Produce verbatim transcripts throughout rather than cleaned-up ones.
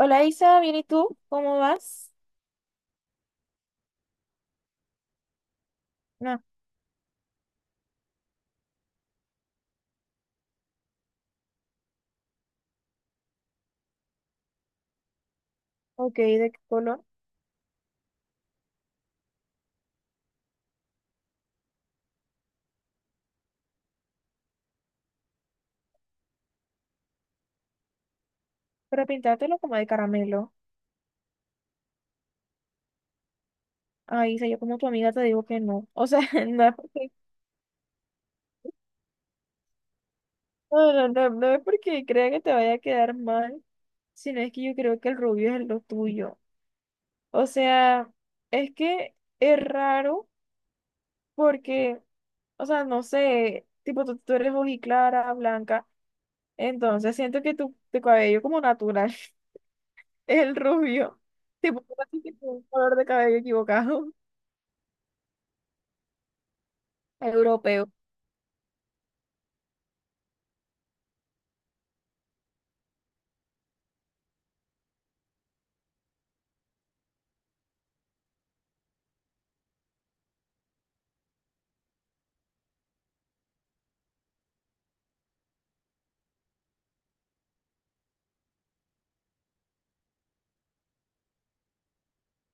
Hola Isa, bien, ¿y tú? ¿Cómo vas? No, ok, ¿de qué color? Para pintártelo como de caramelo. Ay, Isa, yo como tu amiga te digo que no. O sea, no es porque, no, no, no, no es porque crea que te vaya a quedar mal, sino es que yo creo que el rubio es lo tuyo. O sea, es que es raro porque, o sea, no sé, tipo tú, tú eres clara, blanca, entonces siento que tu, tu cabello como natural es el rubio. Tipo, tú tienes un color de cabello equivocado. Europeo.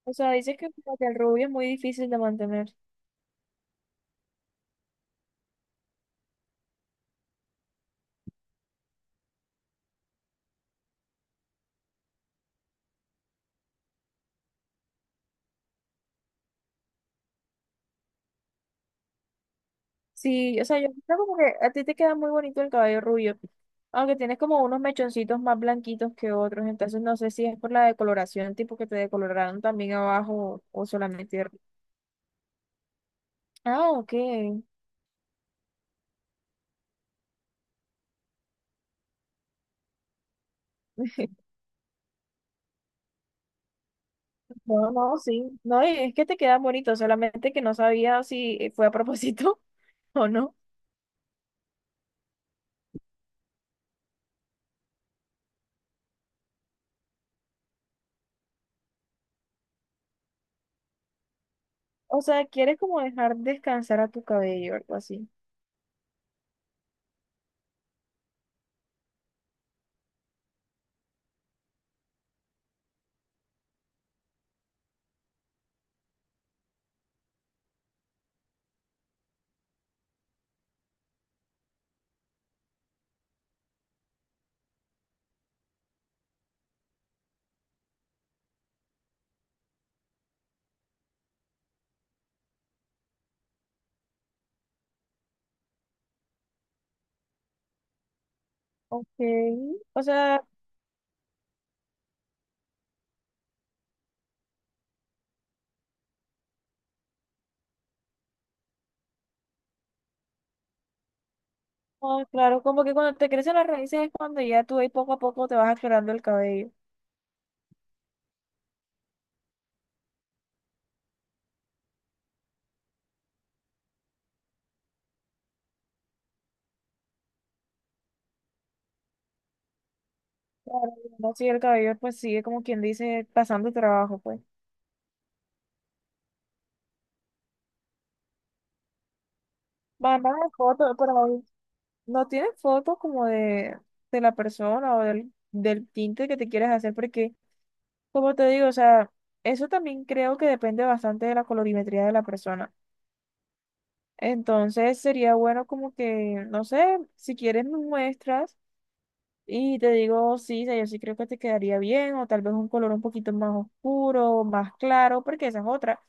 O sea, dices que como que el rubio es muy difícil de mantener. Sí, o sea, yo creo como que a ti te queda muy bonito el cabello rubio, aunque tienes como unos mechoncitos más blanquitos que otros, entonces no sé si es por la decoloración, tipo que te decoloraron también abajo o solamente arriba. Ah, ok. No, no, sí. No, y es que te queda bonito, solamente que no sabía si eh, fue a propósito o no. O sea, quieres como dejar descansar a tu cabello o algo así. Ok. O sea, ah, claro, como que cuando te crecen las raíces es cuando ya tú ahí poco a poco te vas aclarando el cabello. Claro, no sí, el cabello pues sigue como quien dice pasando el trabajo, pues. Van a fotos, pero no tienes fotos como de, de la persona o del, del tinte que te quieres hacer, porque como te digo, o sea, eso también creo que depende bastante de la colorimetría de la persona. Entonces sería bueno como que, no sé, si quieres me muestras. Y te digo, sí, o sea, yo sí creo que te quedaría bien, o tal vez un color un poquito más oscuro, más claro, porque esa es otra.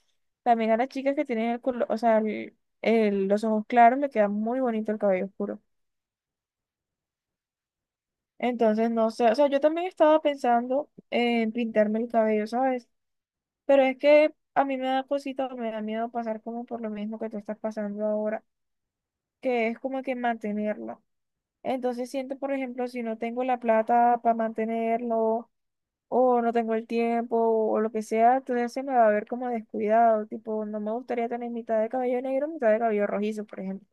También a las chicas que tienen el color, o sea, el- el- los ojos claros, le queda muy bonito el cabello oscuro. Entonces, no sé, o sea, yo también estaba pensando en pintarme el cabello, ¿sabes? Pero es que a mí me da cosita, me da miedo pasar como por lo mismo que tú estás pasando ahora, que es como que mantenerlo. Entonces siento, por ejemplo, si no tengo la plata para mantenerlo, o no tengo el tiempo o lo que sea, entonces se me va a ver como descuidado, tipo, no me gustaría tener mitad de cabello negro, mitad de cabello rojizo, por ejemplo.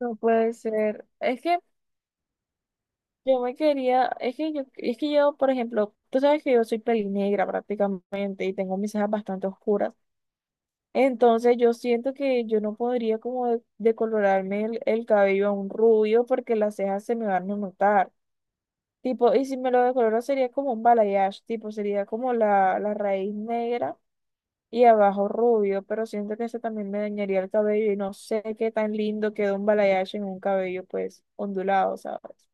No puede ser. Es que yo me quería, es que yo, es que yo, por ejemplo, tú sabes que yo soy pelinegra prácticamente y tengo mis cejas bastante oscuras. Entonces yo siento que yo no podría como de- decolorarme el, el cabello a un rubio porque las cejas se me van a notar. Tipo, y si me lo decoloro sería como un balayage, tipo, sería como la, la raíz negra y abajo rubio, pero siento que ese también me dañaría el cabello y no sé qué tan lindo quedó un balayage en un cabello pues ondulado, ¿sabes?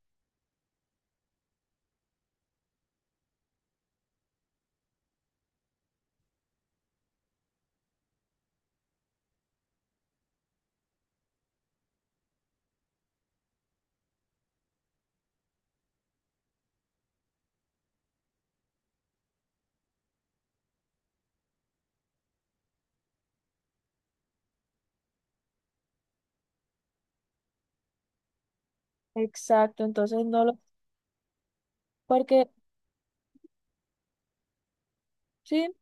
Exacto, entonces no lo, porque sí,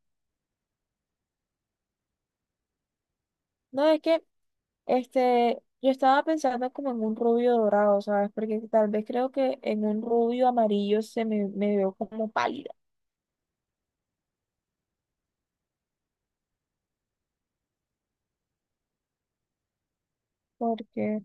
no es que este, yo estaba pensando como en un rubio dorado, ¿sabes? Porque tal vez creo que en un rubio amarillo se me, me veo como pálida, porque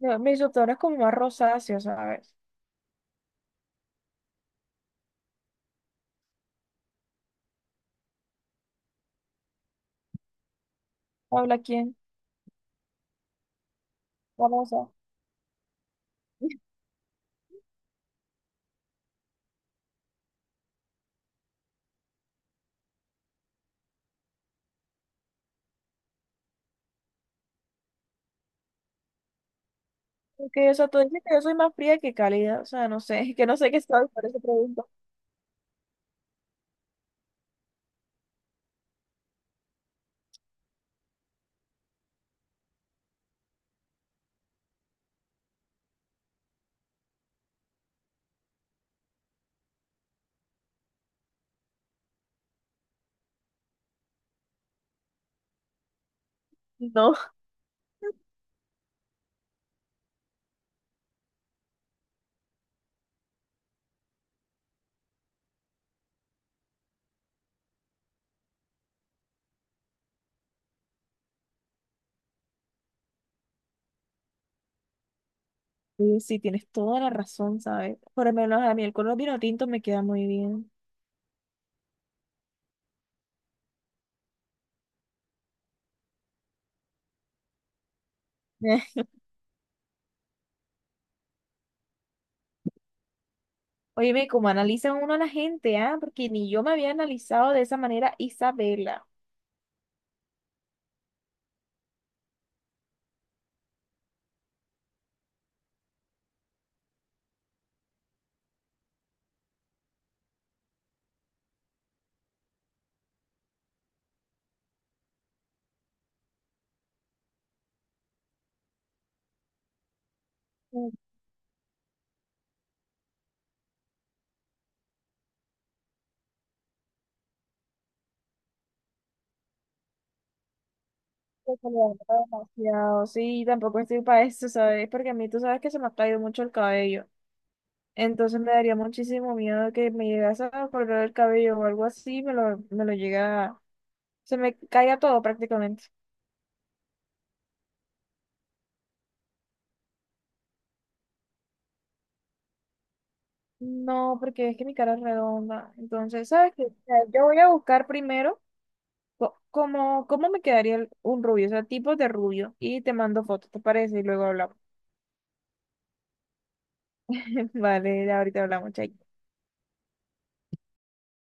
no, mis subtonos como más rosáceos, ¿sabes? Habla quién, vamos a. Porque, o sea, tú dices que yo soy más fría que cálida, o sea, no sé, que no sé qué soy, por eso pregunto. No. Oye, sí, tienes toda la razón, ¿sabes? Por lo menos a mí el color vino tinto me queda muy bien. Óyeme, cómo analiza uno a la gente, ¿ah? Porque ni yo me había analizado de esa manera Isabela. Mm, que se le nota demasiado, sí, tampoco estoy para eso, ¿sabes? Porque a mí tú sabes que se me ha caído mucho el cabello. Entonces me daría muchísimo miedo que me llegase a correr el cabello o algo así, me lo, me lo llega, se me caiga todo prácticamente. No, porque es que mi cara es redonda. Entonces, ¿sabes qué? O sea, yo voy a buscar primero co- cómo, cómo me quedaría el- un rubio, o sea, tipos de rubio. Y te mando fotos, ¿te parece? Y luego hablamos. Vale, ahorita hablamos, chay.